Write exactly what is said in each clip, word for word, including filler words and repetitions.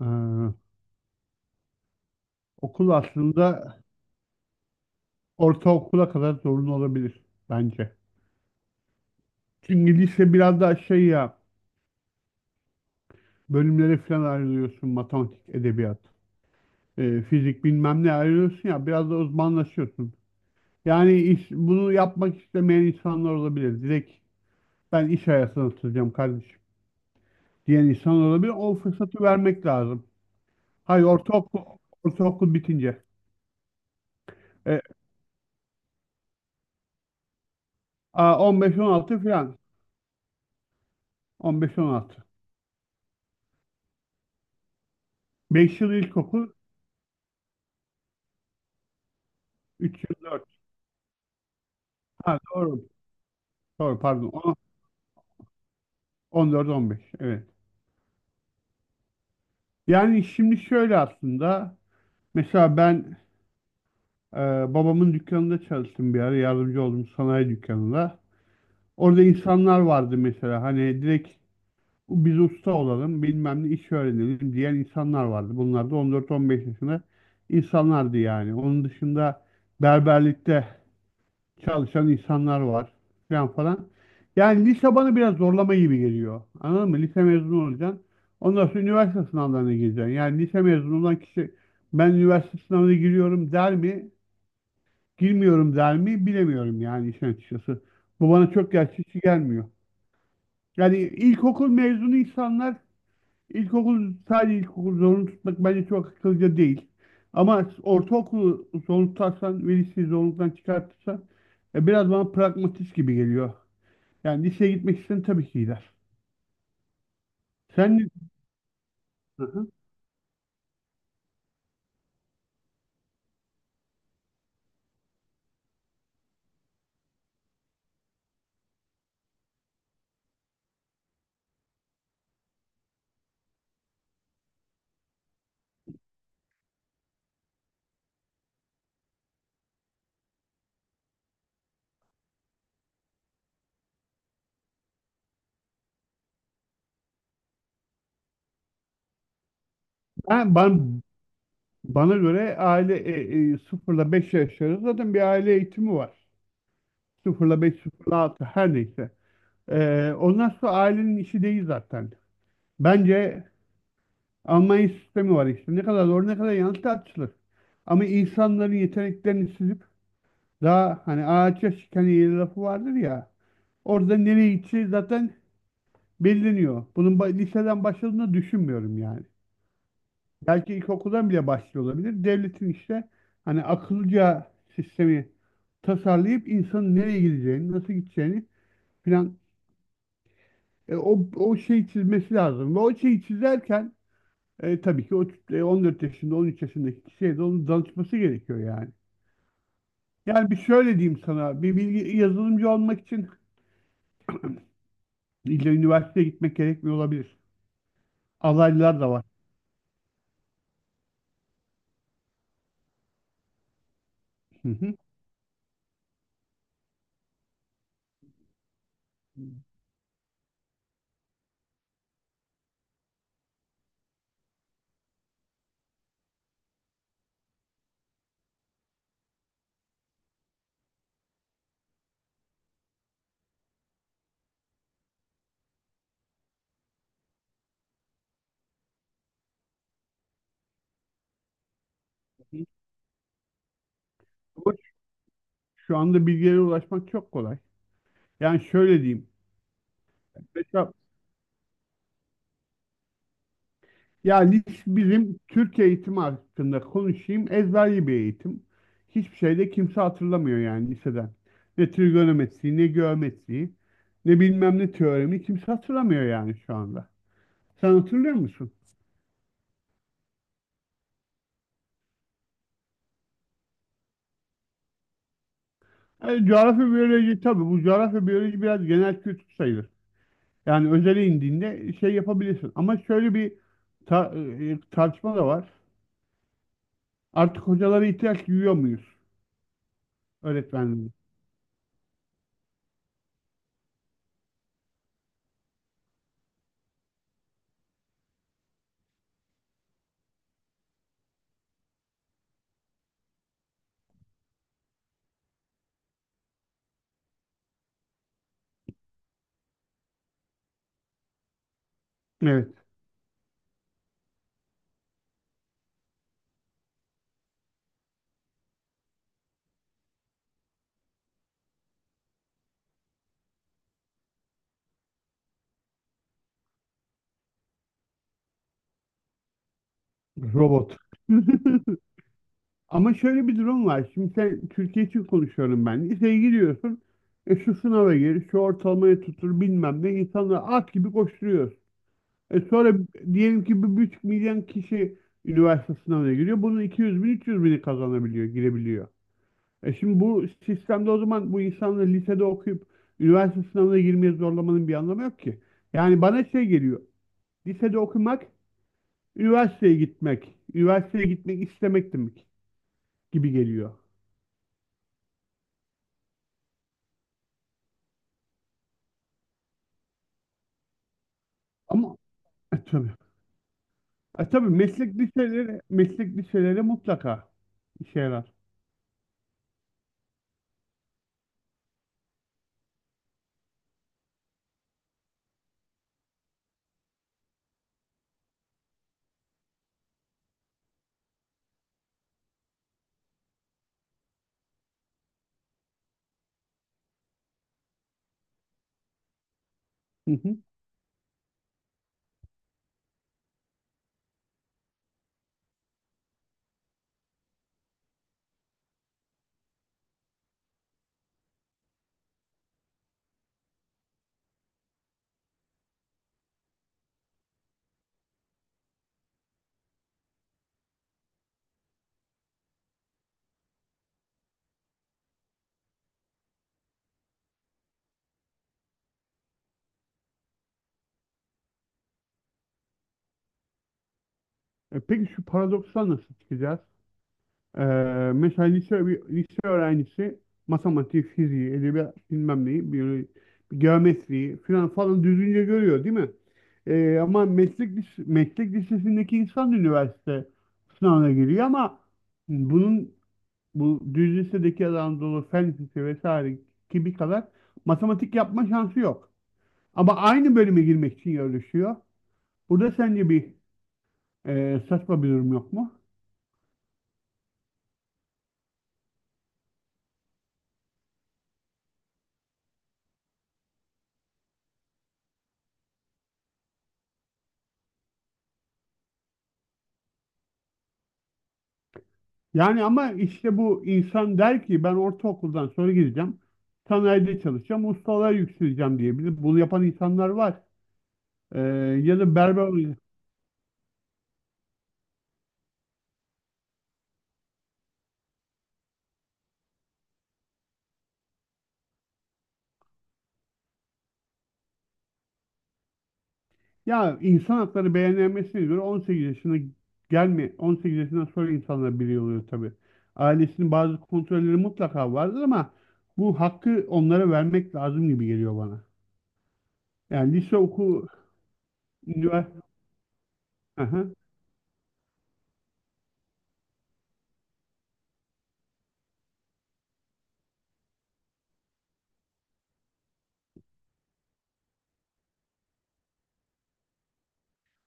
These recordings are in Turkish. Ee, Okul aslında ortaokula kadar zorunlu olabilir bence. Çünkü lise biraz daha şey ya, bölümlere falan ayrılıyorsun. Matematik, edebiyat, e, fizik bilmem ne ayrılıyorsun ya, biraz da uzmanlaşıyorsun. Yani iş, bunu yapmak istemeyen insanlar olabilir. Direkt ben iş hayatına atılacağım kardeşim diyen insan olabilir. O fırsatı vermek lazım. Hayır, ortaokul, ortaokul bitince. E, a, on beş on altı falan. on beş on altı. Beş on altı. Beş yıl ilkokul, üç yıl dört. Ha, doğru. Doğru, pardon. O- on dört on beş, evet. Yani şimdi şöyle aslında, mesela ben, e, babamın dükkanında çalıştım bir ara, yardımcı oldum sanayi dükkanında. Orada insanlar vardı, mesela hani direkt biz usta olalım, bilmem ne iş öğrenelim diyen insanlar vardı. Bunlar da on dört on beş yaşında insanlardı yani. Onun dışında berberlikte çalışan insanlar var falan falan. Yani lise bana biraz zorlama gibi geliyor. Anladın mı? Lise mezunu olacaksın. Ondan sonra üniversite sınavlarına gireceksin. Yani lise mezunu olan kişi ben üniversite sınavına giriyorum der mi? Girmiyorum der mi? Bilemiyorum yani işin açıkçası. Bu bana çok gerçekçi gelmiyor. Yani ilkokul mezunu insanlar, İlkokul sadece ilkokul zorunlu tutmak bence çok akıllıca değil. Ama ortaokulu zorunlu tutarsan ve liseyi zorunluluktan çıkartırsan e, biraz bana pragmatist gibi geliyor. Yani liseye gitmek isteyen tabii ki gider. Sen ne- Hı. ben, ben- Bana göre aile, e, e, sıfır beş yaş arası zaten bir aile eğitimi var. sıfır beş, sıfır altı, her neyse. E, ondan sonra ailenin işi değil zaten. Bence Almanya sistemi var işte. Ne kadar doğru, ne kadar yanlış, tartışılır. Ama insanların yeteneklerini süzüp, daha hani ağaç şiken yeri lafı vardır ya. Orada nereye gideceği zaten belirleniyor. Bunun ba- liseden başladığını düşünmüyorum yani. Belki ilkokuldan bile başlıyor olabilir. Devletin işte hani akıllıca sistemi tasarlayıp, insanın nereye gideceğini, nasıl gideceğini filan, e, o, o şeyi çizmesi lazım. Ve o şeyi çizerken, E, tabii ki o e, on dört yaşında, on üç yaşındaki kişiye de onun danışması gerekiyor yani. Yani bir şöyle diyeyim sana, bir bilgi yazılımcı olmak için illa üniversiteye gitmek gerekmiyor olabilir. Alaylılar da var. Hı hı. Ama Şu anda bilgilere ulaşmak çok kolay. Yani şöyle diyeyim. Mesela, ya lis- bizim Türk eğitimi hakkında konuşayım. Ezberli bir eğitim. Hiçbir şeyde kimse hatırlamıyor yani, liseden. Ne trigonometriyi, ne geometriyi, ne bilmem ne teoremi kimse hatırlamıyor yani şu anda. Sen hatırlıyor musun? Yani coğrafya, biyoloji, tabii bu coğrafya biyoloji biraz genel kültür sayılır. Yani özele indiğinde şey yapabilirsin. Ama şöyle bir ta- e, tartışma da var. Artık hocalara ihtiyaç duyuyor muyuz? Öğretmenlere. Evet. Robot. Ama şöyle bir durum var. Şimdi sen, Türkiye için konuşuyorum ben, liseye giriyorsun. E, şu sınava gir, şu ortalamaya tutur, bilmem ne. İnsanlar at gibi koşturuyor. E sonra diyelim ki bir buçuk milyon kişi üniversite sınavına giriyor. Bunun iki yüz bin, üç yüz bini kazanabiliyor, girebiliyor. E şimdi bu sistemde o zaman bu insanları lisede okuyup üniversite sınavına girmeye zorlamanın bir anlamı yok ki. Yani bana şey geliyor, lisede okumak üniversiteye gitmek, üniversiteye gitmek istemek demek gibi geliyor. Ama e, tabii. E, tabii meslek liseleri, meslek liseleri mutlaka işe yarar. Hı hı. E, peki şu paradoksla nasıl çıkacağız? Ee, Mesela lise, bir lise öğrencisi matematik, fiziği, edebiyat bilmem neyi, biyoloji, geometriyi falan falan düzgünce görüyor değil mi? Ee, ama meslek, lis- meslek lisesindeki insan da üniversite sınavına giriyor, ama bunun bu düz lisedeki Anadolu Fen Lisesi vesaire gibi kadar matematik yapma şansı yok. Ama aynı bölüme girmek için yarışıyor. Burada sence bir ee, saçma bir durum yok mu? Yani ama işte bu insan der ki ben ortaokuldan sonra gideceğim. Sanayide çalışacağım. Ustalığa yükseleceğim diyebilir. Bunu yapan insanlar var. Ee, Ya da berber. Ya, insan hakları beyannamesin'e göre on sekiz yaşına gelme, on sekiz yaşından sonra insanlar birey oluyor tabii. Ailesinin bazı kontrolleri mutlaka vardır, ama bu hakkı onlara vermek lazım gibi geliyor bana. Yani lise oku, üniversite. Aha.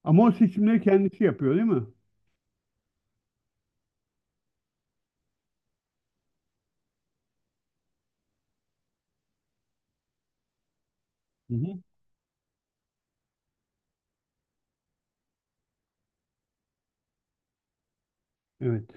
Ama o seçimleri kendisi yapıyor değil mi? Hı hı. Evet.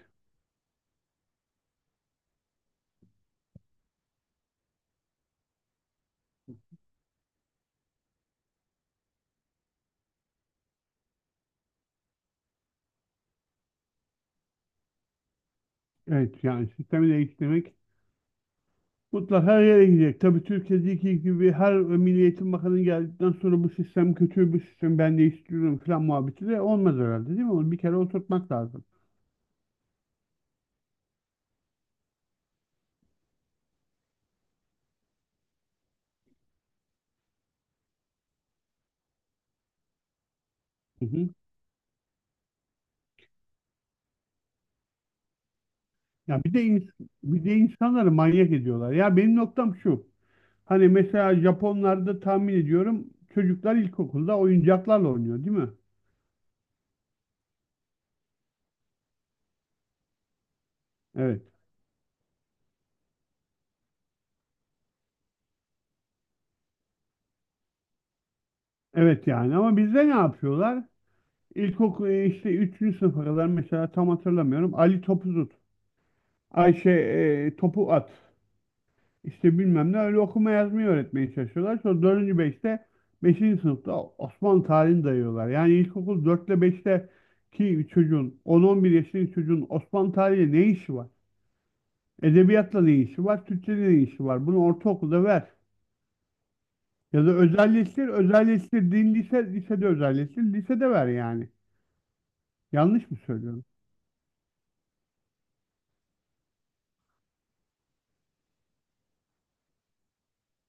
Evet yani, sistemi değiştirmek mutlaka her yere gidecek. Tabii Türkiye'deki gibi her Milli Eğitim Bakanı geldikten sonra bu sistem kötü bir sistem, ben değiştiriyorum falan muhabbeti de olmaz herhalde, değil mi? Onu bir kere oturtmak lazım. Hı hı. Ya bir de ins- Bir de insanları manyak ediyorlar. Ya benim noktam şu: hani mesela Japonlarda tahmin ediyorum çocuklar ilkokulda oyuncaklarla oynuyor, değil mi? Evet. Evet yani, ama bizde ne yapıyorlar? İlkokul, e, işte üçüncü sınıfa kadar, mesela tam hatırlamıyorum, Ali topu tut, Ayşe e, topu at, İşte bilmem ne, öyle okuma yazmayı öğretmeye çalışıyorlar. Sonra dördüncü beşte beşinci sınıfta Osmanlı tarihini dayıyorlar. Yani ilkokul dört ile beşte ki çocuğun, on on bir yaşındaki çocuğun, Osmanlı tarihiyle ne işi var? Edebiyatla ne işi var? Türkçeyle ne işi var? Bunu ortaokulda ver. Ya da özelleştir, özelleştir. Din lise, lisede özelleştir. Lisede ver yani. Yanlış mı söylüyorum?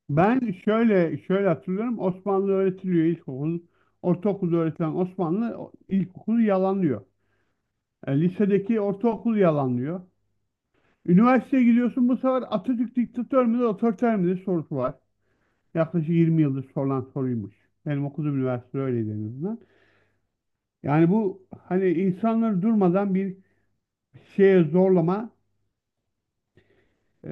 Ben şöyle şöyle hatırlıyorum. Osmanlı öğretiliyor ilkokul. Ortaokulda öğretilen Osmanlı o- ilkokulu yalanlıyor. E, lisedeki ortaokul yalanlıyor. Üniversiteye gidiyorsun, bu sefer Atatürk diktatör müdür, otoriter midir sorusu var. Yaklaşık yirmi yıldır sorulan soruymuş. Benim okuduğum üniversite öyleydi en azından. Yani bu hani insanları durmadan bir şeye zorlama Ee,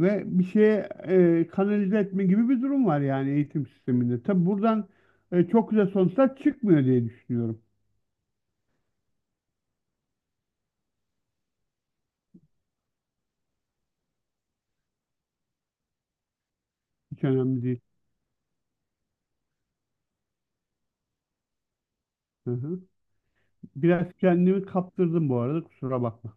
ve bir şeye e, kanalize etme gibi bir durum var yani eğitim sisteminde. Tabi buradan e, çok güzel sonuçlar çıkmıyor diye düşünüyorum. Hiç önemli değil. Hı hı. Biraz kendimi kaptırdım bu arada, kusura bakma.